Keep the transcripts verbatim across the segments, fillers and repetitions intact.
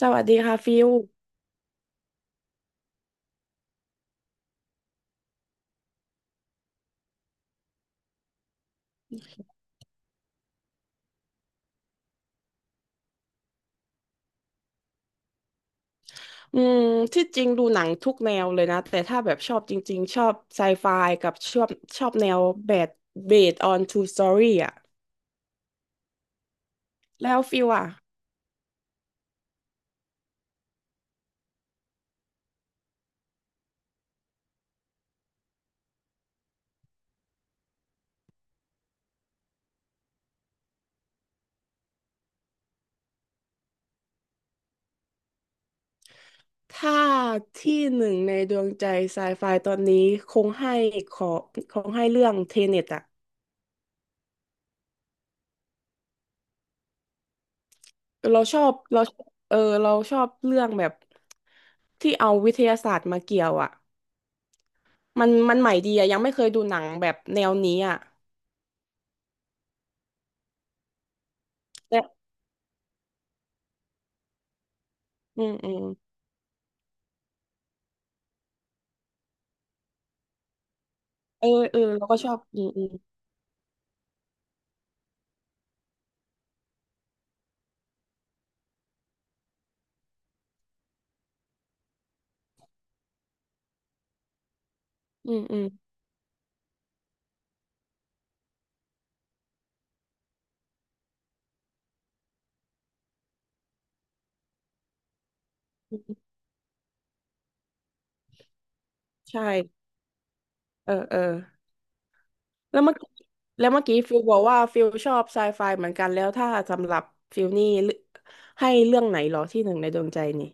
สวัสดีค่ะฟิลอืมที่จริงดูหนังทุกแนวเลยนะ แต่ถ้าแบบชอบจริงๆชอบไซไฟกับชอบชอบแนวแบดเบสออนทรูสตอรี่อะแล้วฟิลอะถ้าที่หนึ่งในดวงใจไซไฟตอนนี้คงให้ขอคงให้เรื่องเทเน็ตอะเราชอบเราเออเราชอบเรื่องแบบที่เอาวิทยาศาสตร์มาเกี่ยวอะมันมันใหม่ดีอะยังไม่เคยดูหนังแบบแนวนี้อะแต่อืมอืมเออเออเราก็ชอบอืมอืมอืมอืม ใช่ เออ เออ แล้วเมื่อกี้แล้วเมื่อกี้ฟิลบอกว่าฟิลชอบไซไฟเหมือนกัน แล้วถ้าสำหรับฟิลนี่เลือกให้เรื่องไหนเหรอที่หนึ่งในดวงใจนี่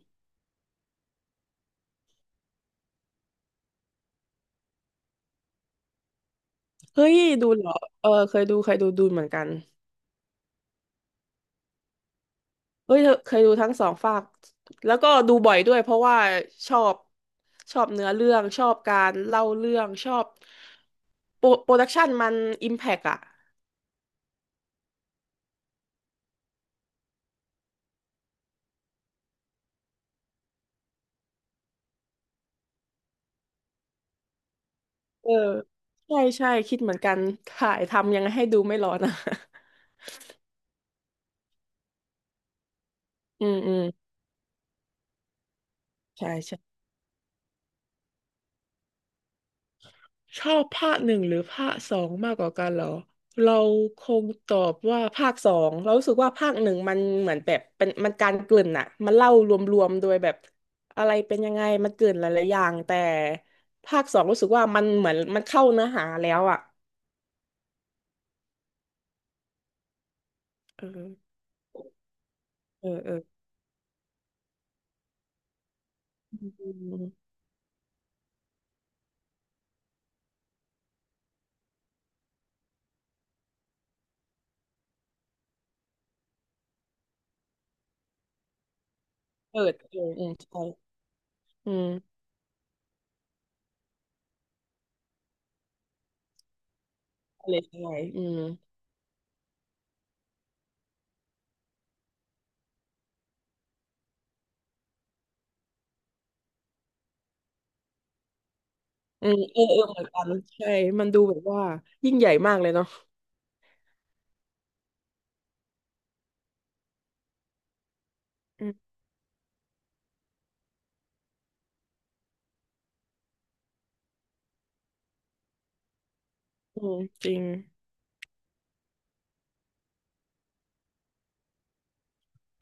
เฮ้ยดูเหรอเออเคยดูเคยดูดูเหมือนกันเฮ้ยเธอเคยดูทั้งสองภาคแล้วก็ดูบ่อยด้วยเพราะว่าชอบชอบเนื้อเรื่องชอบการเล่าเรื่องชอบโปรโปรดักชันมันอิมแพกอะเออใช่ใช่คิดเหมือนกันถ่ายทำยังไงให้ดูไม่ร้อนอะ อืมอืมใช่ใช่ ชอบภาคหนึ่งหรือภาคสองมากกว่ากันเหรอเราคงตอบว่าภาคสองเรารู้สึกว่าภาคหนึ่งมันเหมือนแบบเป็นมันการเกริ่นอะมันเล่ารวมๆโดยแบบอะไรเป็นยังไงมันเกริ่นหลายๆอย่างแต่ภาคสองรู้สึกว่ามันเหมือนมันเข้าเนื้อหาแล้วอะเออเออเอออืมเปิดเอออืมใช่อืมอะไรใช่อืมอืมเออเออเหมือนกันใช่มันดูแบบว่ายิ่งใหญ่มากเลยเนาะอืมอืมจริง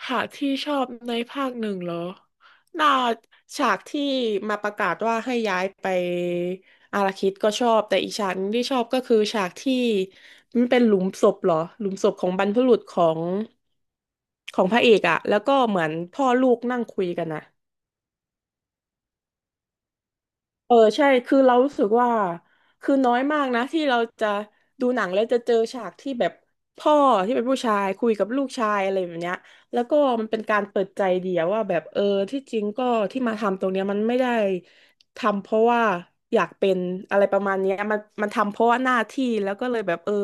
หากที่ชอบในภาคหนึ่งเหรอน่าฉากที่มาประกาศว่าให้ย้ายไปอาราคิดก็ชอบ แต่อีกฉากหนึงที่ชอบก็คือฉากที่มันเป็นหลุมศพเหรอ หลุมศพของบรรพบุรุษของของพระเอกอะ แล้วก็เหมือนพ่อลูกนั่งคุยกันอะ เออใช่คือเรารู้สึกว่าคือน้อยมากนะที่เราจะดูหนังแล้วจะเจอฉากที่แบบพ่อที่เป็นผู้ชายคุยกับลูกชายอะไรแบบเนี้ยแล้วก็มันเป็นการเปิดใจเดียวว่าแบบเออที่จริงก็ที่มาทำตรงเนี้ยมันไม่ได้ ทำเพราะว่าอยากเป็นอะไรประมาณเนี้ยมันมันทำเพราะว่าหน้าที่แล้วก็เลยแบบเออ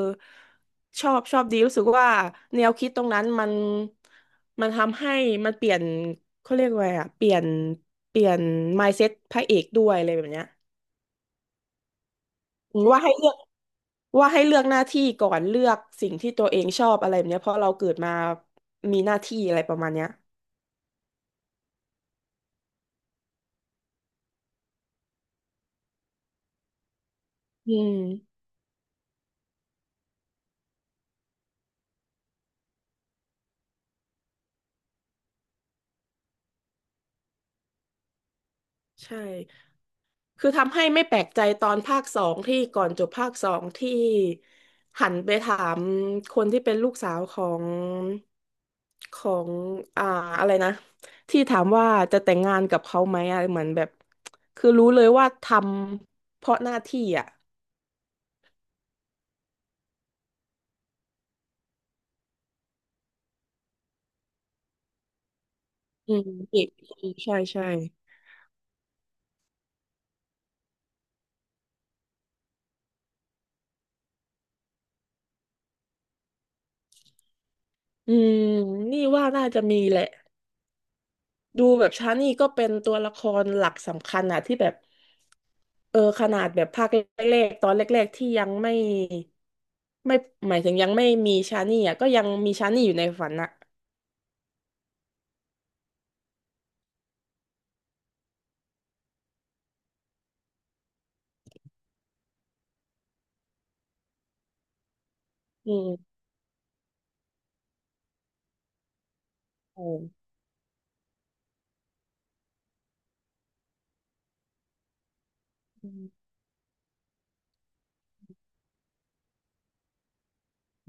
ชอบชอบดีรู้สึกว่าแนวคิดตรงนั้นมันมันทำให้มันเปลี่ยนเขาเรียกว่าไงอะเปลี่ยนเปลี่ยน mindset พระเอกด้วยอะไรแบบเนี้ยว่าให้เลือกว่าให้เลือกหน้าที่ก่อนเลือกสิ่งที่ตัวเองชอบอะไรแบบเนี้ยเพราะเราเกิดมามีหน้าที่อะไรประมาณเนี้ยอืมใช่ คือทำให้ไม่แปลกใจตอนภาคสองที่ก่อนจบภาคสองที่หันไปถามคนที่เป็นลูกสาวของของอ่าอะไรนะที่ถามว่าจะแต่งงานกับเขาไหมอะเหมือนแบบคือรู้เลยว่าทำเพราะหน้าที่อ่ะอืมอีกใช่ใช่อืมนี่ว่าน่าจะมีแหละ ดูแบบชานี่ก็เป็นตัวละครหลักสำคัญอะที่แบบเออขนาดแบบภาคแรกๆตอนแรกๆที่ยังไม่ไม่หมายถึงยังไม่มีชานี่อะก็ยังมีชานี่อยู่ในฝันอะอืมโอ้อืม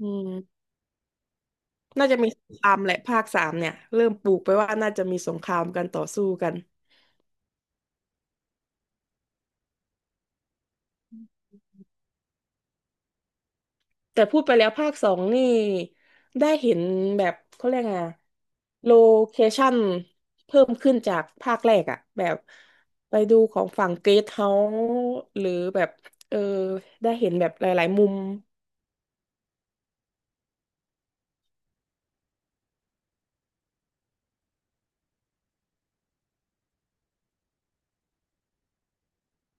อืมน่าจะมีสงครามแหละภาคสามเนี่ยเริ่มปลูกไปว่าน่าจะมีสงครามกันต่อสู้กัน แต่พูดไปแล้วภาคสองนี่ได้เห็นแบบเขาเรียกไงโลเคชั่นเพิ่มขึ้นจากภาคแรกอะแบบไปดูของฝั่งเกสเฮาส์หรือแบบเออได้เห็นแบบหลายๆมุม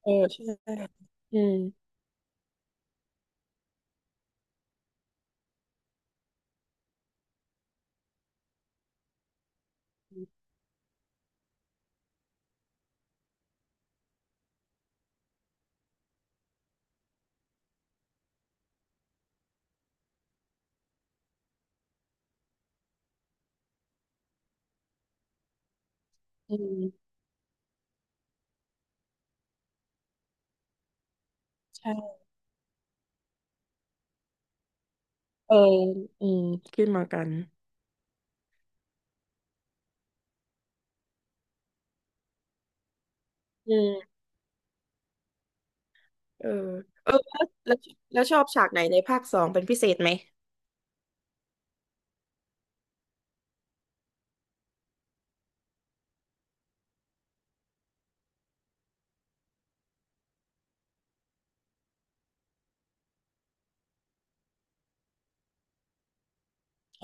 เออใช่อืมอืมใช่เอออืมขึ้นมากันอืมเออเออแล้วแล้วแล้วชอบฉากไหนในภาคสองเป็นพิเศษไหม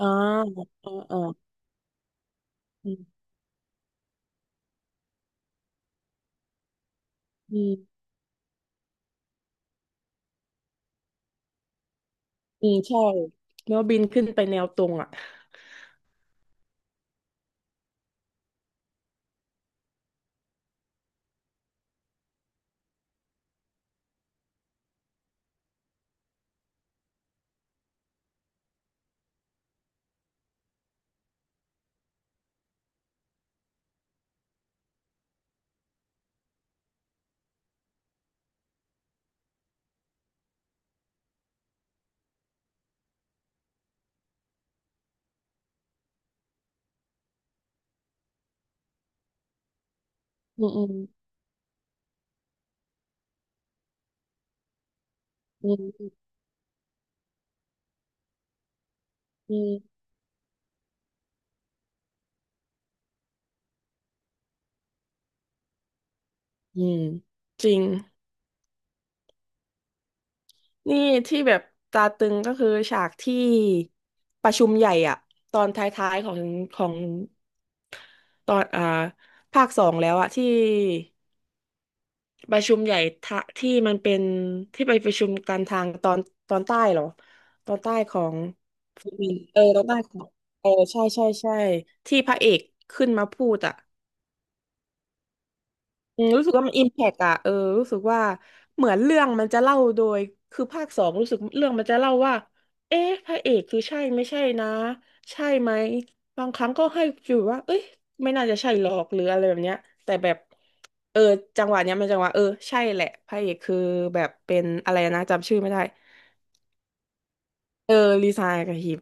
อ๋ออ๋ออ๋ออืม อืมใช่แล้วบินขึ้นไปแนวตรงอ่ะอืมอืมอืมอืมอืมจริงนี่ที่แบบตาตึงก็คือฉากที่ประชุมใหญ่อ่ะตอนท้ายๆของของตอนอ่าภาคสองแล้วอ่ะที่ประชุมใหญ่ทะที่มันเป็นที่ไปประชุมกันทางตอนตอนใต้เหรอตอนใต้ของฟิลิปปินส์เออตอนใต้ของเออใช่ใช่ใช่ที่พระเอกขึ้นมาพูดอ่ะ อืมรู้สึกว่ามันอิมแพกอะเออรู้สึกว่าเหมือนเรื่องมันจะเล่าโดยคือภาคสองรู้สึกเรื่องมันจะเล่าว่าเอ๊ะพระเอกคือใช่ไม่ใช่นะใช่ไหมบางครั้งก็ให้ฟิลว่าเอ้ยไม่น่าจะใช่หรอกหรืออะไรแบบเนี้ยแต่แบบเออจังหวะเนี้ยมันจังหวะเออใช่แหละพระเอกคือแบบเป็นอะไรนะจำชื่อไม่ได้เออลีซายกับฮิป